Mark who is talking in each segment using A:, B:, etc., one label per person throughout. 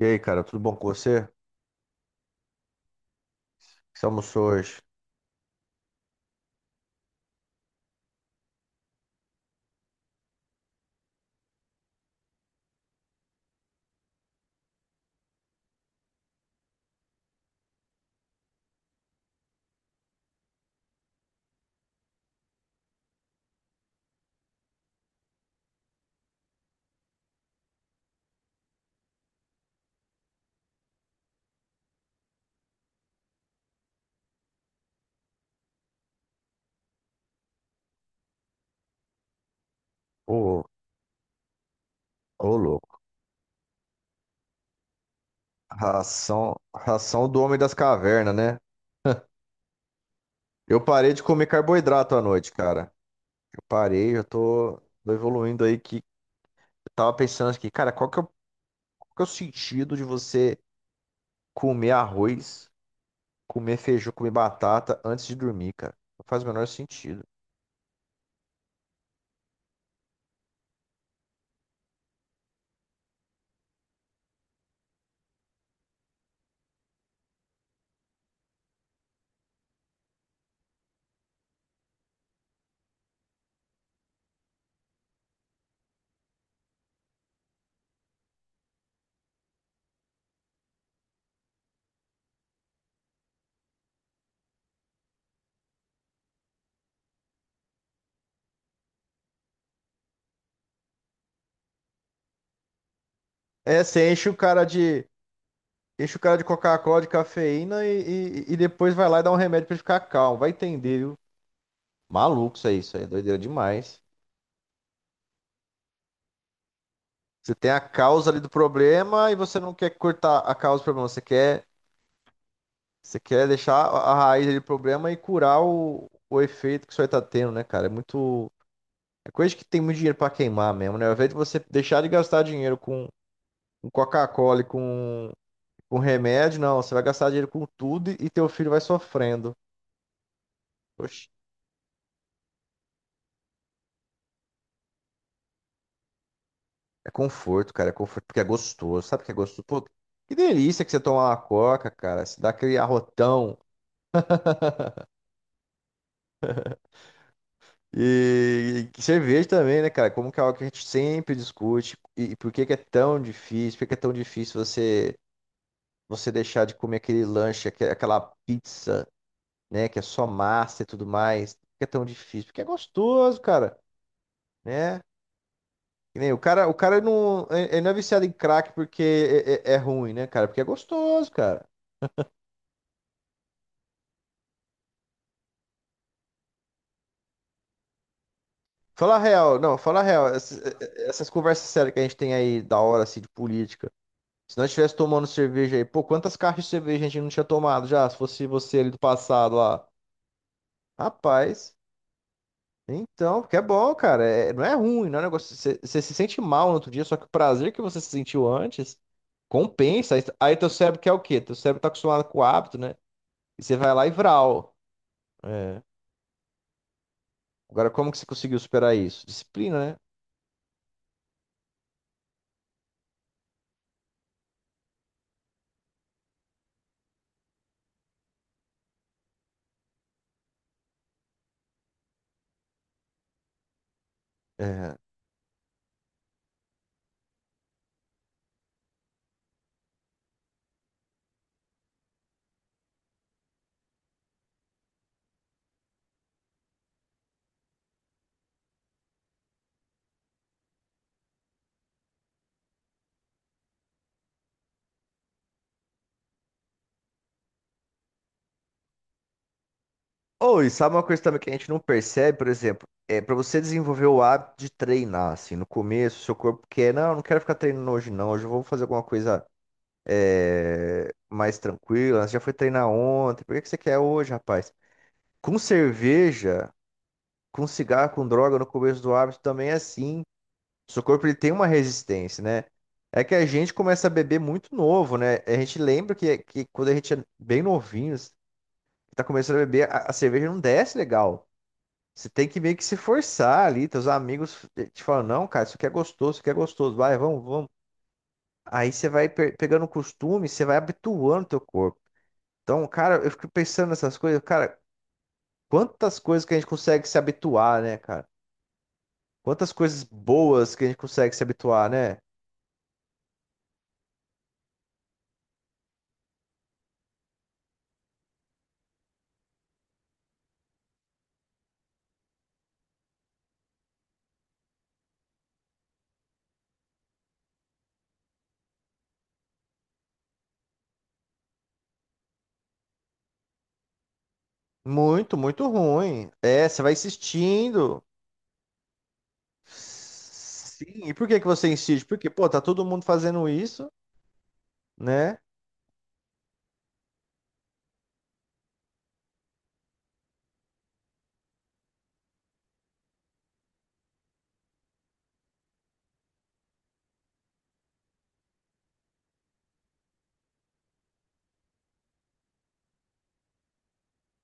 A: E aí, cara, tudo bom com você? O que você almoçou hoje? Ô, ô, louco. Ração, ração do homem das cavernas, né? Eu parei de comer carboidrato à noite, cara. Eu parei, eu tô evoluindo aí que eu tava pensando aqui, cara, qual que é o sentido de você comer arroz, comer feijão, comer batata antes de dormir, cara? Não faz o menor sentido. É, você enche o cara de Coca-Cola, de cafeína e depois vai lá e dá um remédio pra ele ficar calmo. Vai entender, viu? Maluco isso aí é doideira demais. Você tem a causa ali do problema e você não quer cortar a causa do problema, você quer deixar a raiz ali do problema e curar o efeito que isso aí tá tendo, né, cara? É muito. É coisa que tem muito dinheiro pra queimar mesmo, né? Ao invés de você deixar de gastar dinheiro com Coca-Cola e com remédio, não, você vai gastar dinheiro com tudo e teu filho vai sofrendo. Oxi, é conforto, cara, é conforto porque é gostoso, sabe o que é gostoso? Pô, que delícia que você tomar uma Coca, cara, se dá aquele arrotão. E cerveja também, né, cara? Como que é algo que a gente sempre discute e por que que é tão difícil? Por que que é tão difícil você deixar de comer aquele lanche, aquela pizza, né, que é só massa e tudo mais? Por que é tão difícil? Porque é gostoso, cara, né? Que nem o cara, o cara não, ele não é viciado em crack porque é ruim, né, cara? Porque é gostoso, cara. Fala a real, não, fala a real. Essas conversas sérias que a gente tem aí da hora, assim, de política. Se nós estivesse tomando cerveja aí, pô, quantas caixas de cerveja a gente não tinha tomado já? Se fosse você ali do passado lá. Rapaz, então, porque é bom, cara. Não é ruim, não é um negócio. Você se sente mal no outro dia, só que o prazer que você se sentiu antes compensa. Aí teu cérebro quer o quê? Teu cérebro tá acostumado com o hábito, né? E você vai lá e vral. É. Agora, como que você conseguiu superar isso? Disciplina, né? É. Ou, e sabe uma coisa também que a gente não percebe, por exemplo, é para você desenvolver o hábito de treinar, assim, no começo, seu corpo quer, não, não quero ficar treinando hoje não, hoje eu vou fazer alguma coisa mais tranquila, você já foi treinar ontem, por que que você quer hoje, rapaz? Com cerveja, com cigarro, com droga, no começo do hábito também é assim, seu corpo ele tem uma resistência, né? É que a gente começa a beber muito novo, né? A gente lembra que quando a gente é bem novinho, tá começando a beber, a cerveja não desce legal. Você tem que meio que se forçar ali. Teus amigos te falam, não, cara, isso aqui é gostoso, isso aqui é gostoso. Vai, vamos, vamos. Aí você vai pegando costume, você vai habituando teu corpo. Então, cara, eu fico pensando nessas coisas, cara, quantas coisas que a gente consegue se habituar, né, cara? Quantas coisas boas que a gente consegue se habituar, né? Muito, muito ruim. É, você vai insistindo. Sim, e por que que você insiste? Porque, pô, tá todo mundo fazendo isso, né?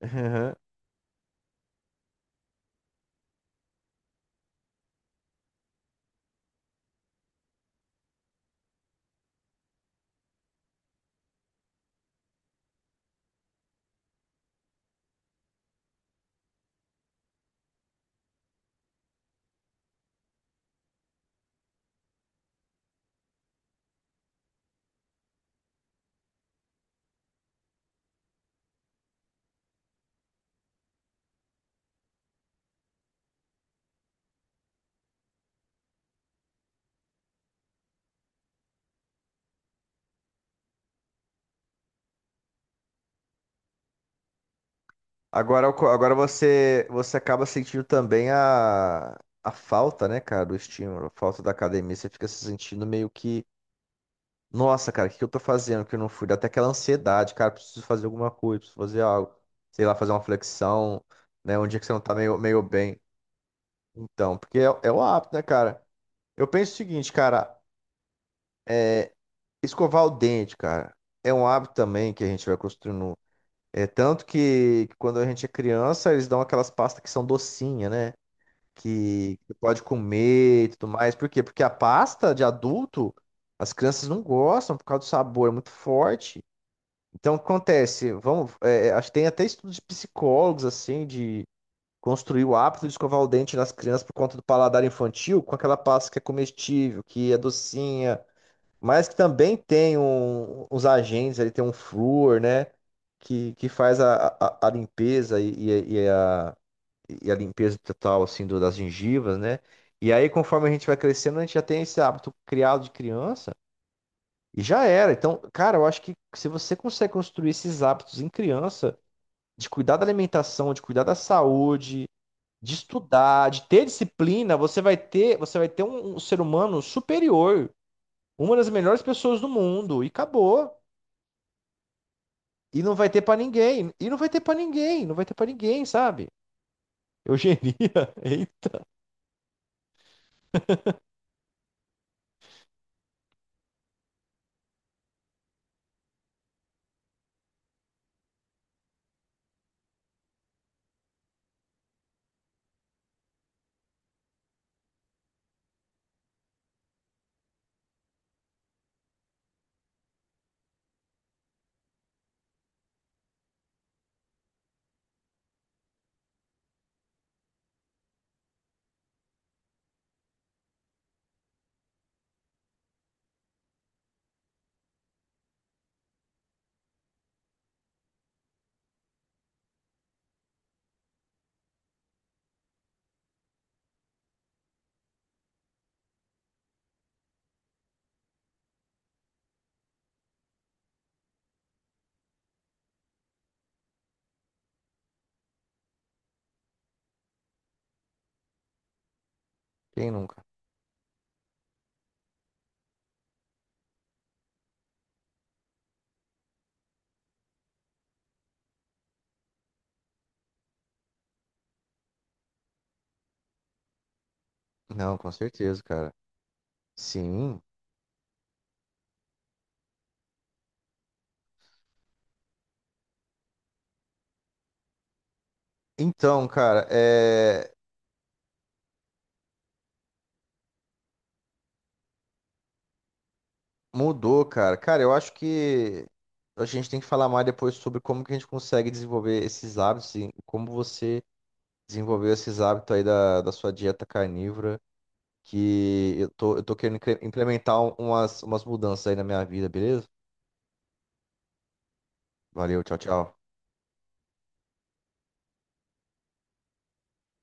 A: Agora, agora você acaba sentindo também a falta, né, cara, do estímulo, a falta da academia. Você fica se sentindo meio que, nossa, cara, o que que eu tô fazendo que eu não fui? Dá até aquela ansiedade, cara, preciso fazer alguma coisa, preciso fazer algo. Sei lá, fazer uma flexão, né, um dia que você não tá meio bem. Então, porque é o hábito, né, cara? Eu penso o seguinte, cara, escovar o dente, cara, é um hábito também que a gente vai construindo. É tanto que quando a gente é criança, eles dão aquelas pastas que são docinha, né? Que que pode comer e tudo mais. Por quê? Porque a pasta de adulto, as crianças não gostam por causa do sabor, é muito forte. Então, o que acontece? Vamos, acho que tem até estudos de psicólogos, assim, de construir o hábito de escovar o dente nas crianças por conta do paladar infantil, com aquela pasta que é comestível, que é docinha, mas que também tem uns agentes, ali tem um flúor, né? Que faz a limpeza e a e a limpeza total assim das gengivas, né? E aí, conforme a gente vai crescendo, a gente já tem esse hábito criado de criança e já era. Então, cara, eu acho que se você consegue construir esses hábitos em criança, de cuidar da alimentação, de cuidar da saúde, de estudar, de ter disciplina, você vai ter um ser humano superior, uma das melhores pessoas do mundo e acabou. E não vai ter pra ninguém, e não vai ter pra ninguém, não vai ter pra ninguém, sabe? Eugenia, eita, quem nunca? Não, com certeza, cara. Sim. Então, cara, é... mudou, cara. Cara, eu acho que a gente tem que falar mais depois sobre como que a gente consegue desenvolver esses hábitos e como você desenvolveu esses hábitos aí da sua dieta carnívora, que eu tô querendo implementar umas mudanças aí na minha vida, beleza? Valeu, tchau, tchau.